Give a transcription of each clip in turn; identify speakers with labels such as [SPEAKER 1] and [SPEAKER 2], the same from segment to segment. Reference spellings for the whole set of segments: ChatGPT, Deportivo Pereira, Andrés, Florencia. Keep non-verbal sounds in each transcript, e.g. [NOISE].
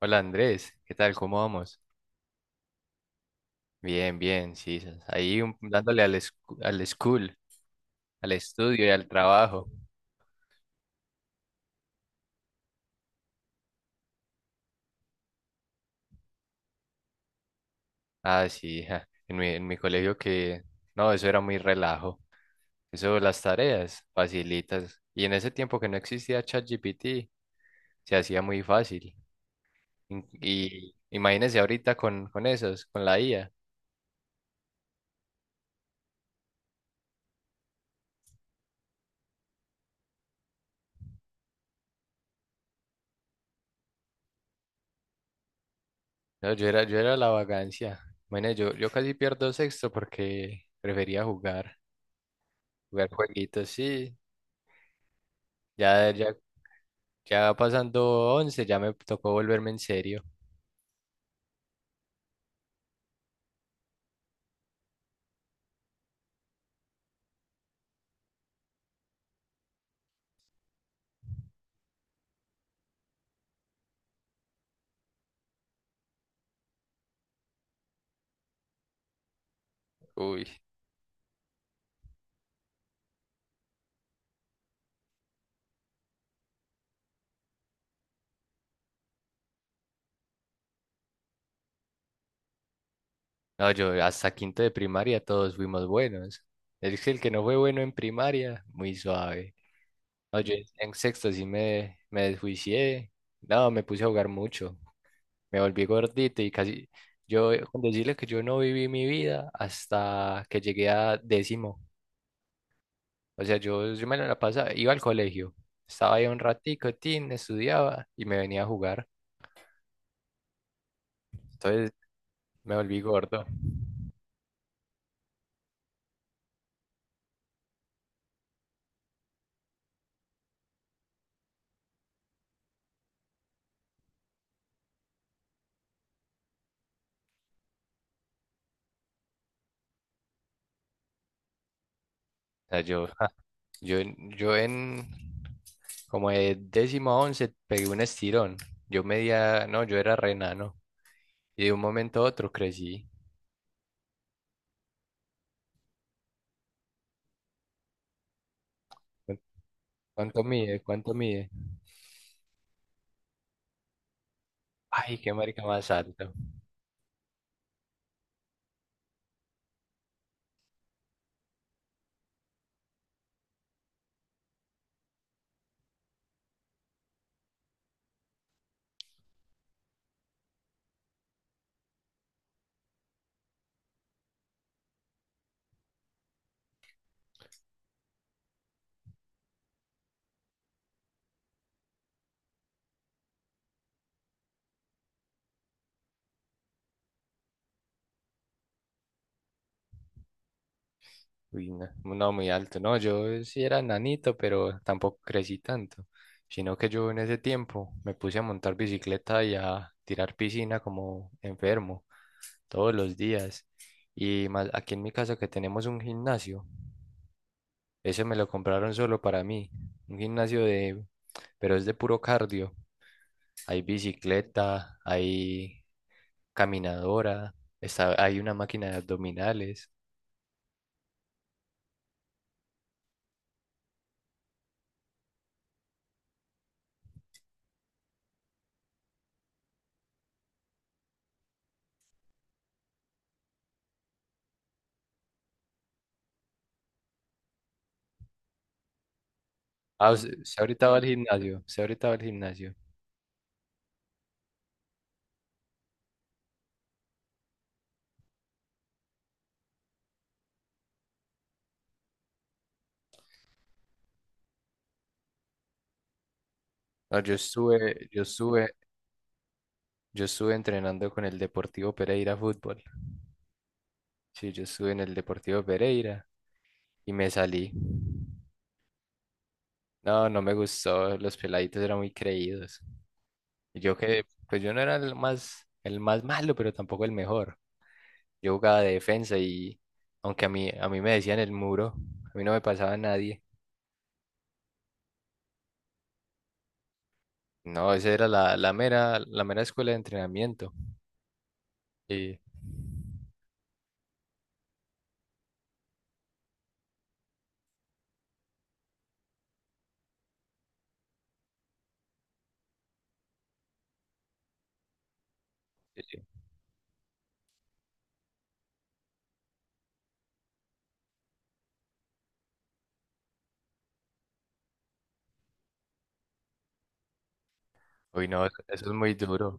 [SPEAKER 1] Hola Andrés, ¿qué tal? ¿Cómo vamos? Bien, bien, sí, s- ahí un- dándole al, escu- al school, al estudio y al trabajo. Ah, sí, ja, en mi, en mi colegio que, no, eso era muy relajo. Eso, las tareas, facilitas. Y en ese tiempo que no existía ChatGPT, se hacía muy fácil. In- Y imagínese ahorita con esos, con la IA. No, yo era la vagancia. Bueno, yo casi pierdo sexto porque prefería jugar, jugar jueguitos, sí. Ya ya va pasando once, ya me tocó volverme en serio. Uy, no, yo hasta quinto de primaria todos fuimos buenos. Es que el que no fue bueno en primaria, muy suave. No, yo en sexto sí me desjuicié. No, me puse a jugar mucho. Me volví gordito y casi. Yo, con decirles que yo no viví mi vida hasta que llegué a décimo. O sea, yo me la pasaba, iba al colegio. Estaba ahí un ratico, tin, estudiaba y me venía a jugar. Entonces me volví gordo. O sea, yo, yo en como de décimo a once pegué un estirón. Yo medía, no, yo era renano. Y de un momento a otro crecí. ¿Cu- ¿Cuánto mide? ¿Cuánto mide? Ay, qué marica más alto. Uy, no, no, muy alto. No, yo sí era nanito, pero tampoco crecí tanto. Sino que yo en ese tiempo me puse a montar bicicleta y a tirar piscina como enfermo, todos los días. Y más aquí en mi casa que tenemos un gimnasio. Ese me lo compraron solo para mí. Un gimnasio de, pero es de puro cardio. Hay bicicleta, hay caminadora, está, hay una máquina de abdominales. Ah, usted, usted ahorita va al gimnasio, usted ahorita va al gimnasio. No, yo estuve entrenando con el Deportivo Pereira fútbol. Sí, yo estuve en el Deportivo Pereira y me salí. No, no me gustó, los peladitos eran muy creídos. Y yo que, pues yo no era el más malo, pero tampoco el mejor. Yo jugaba de defensa y aunque a mí me decían el muro, a mí no me pasaba nadie. No, esa era la, la mera escuela de entrenamiento. Y, sí, sí. Uy, no, eso es muy duro.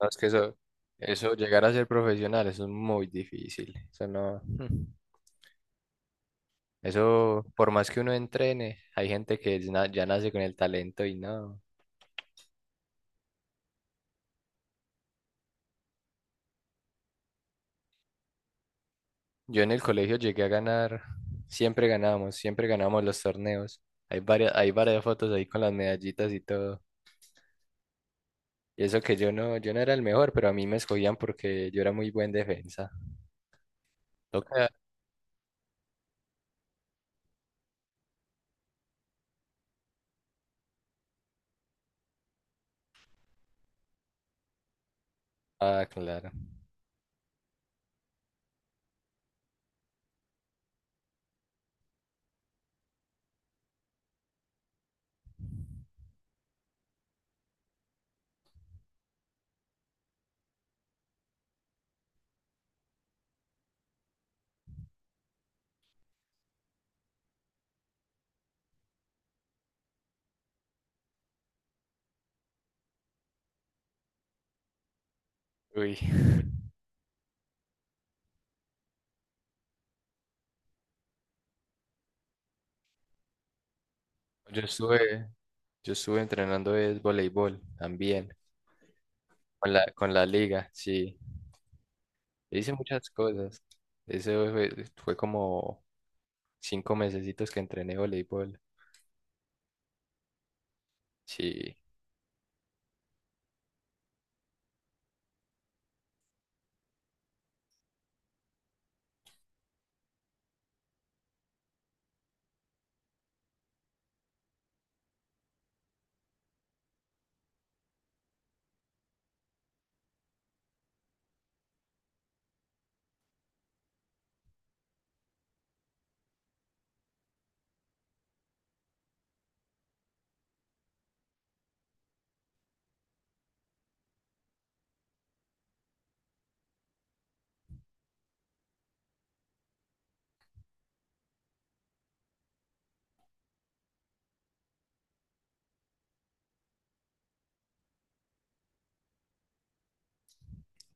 [SPEAKER 1] No, es que eso, llegar a ser profesional, eso es muy difícil. Eso no, [LAUGHS] mm. Eso, por más que uno entrene, hay gente que es na- ya nace con el talento y no. Yo en el colegio llegué a ganar, siempre ganábamos los torneos. Hay varias fotos ahí con las medallitas y todo. Y eso que yo no, yo no era el mejor, pero a mí me escogían porque yo era muy buen defensa. Toca. Ah, claro. Uy, yo estuve, yo estuve entrenando es voleibol también, con la liga, sí. E hice muchas cosas. Eso fue, fue como 5 mesecitos que entrené voleibol. Sí.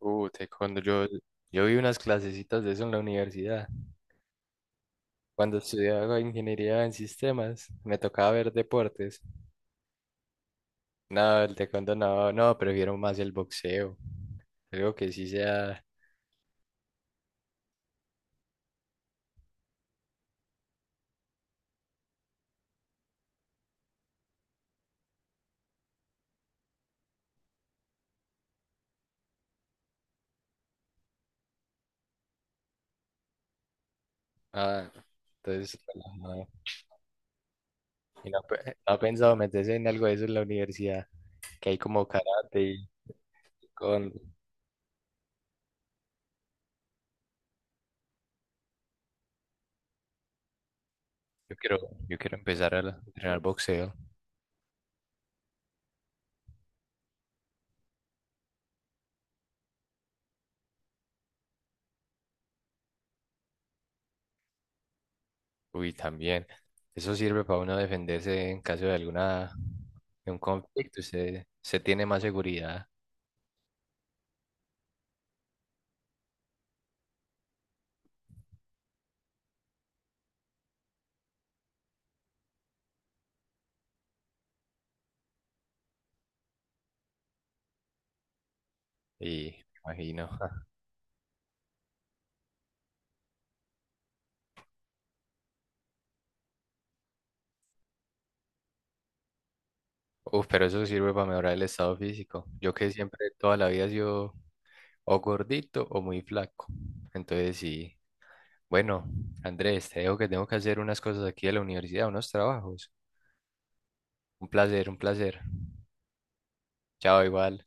[SPEAKER 1] Uh, te- cuando yo, yo vi unas clasecitas de eso en la universidad. Cuando estudiaba ingeniería en sistemas, me tocaba ver deportes. No, el taekwondo no, no, prefiero más el boxeo. Algo que sí sea. Ah, entonces, relajado. Y no, pe- no ha pensado meterse en algo de eso en la universidad, que hay como karate y con. Yo quiero, yo quiero empezar a la- entrenar boxeo. Uy, también. Eso sirve para uno defenderse en caso de alguna, de un conflicto. Se tiene más seguridad y me imagino. [LAUGHS] Uf, pero eso sirve para mejorar el estado físico. Yo que siempre, toda la vida yo o gordito o muy flaco. Entonces, sí. Bueno, Andrés, te dejo que tengo que hacer unas cosas aquí de la universidad, unos trabajos. Un placer, un placer. Chao, igual.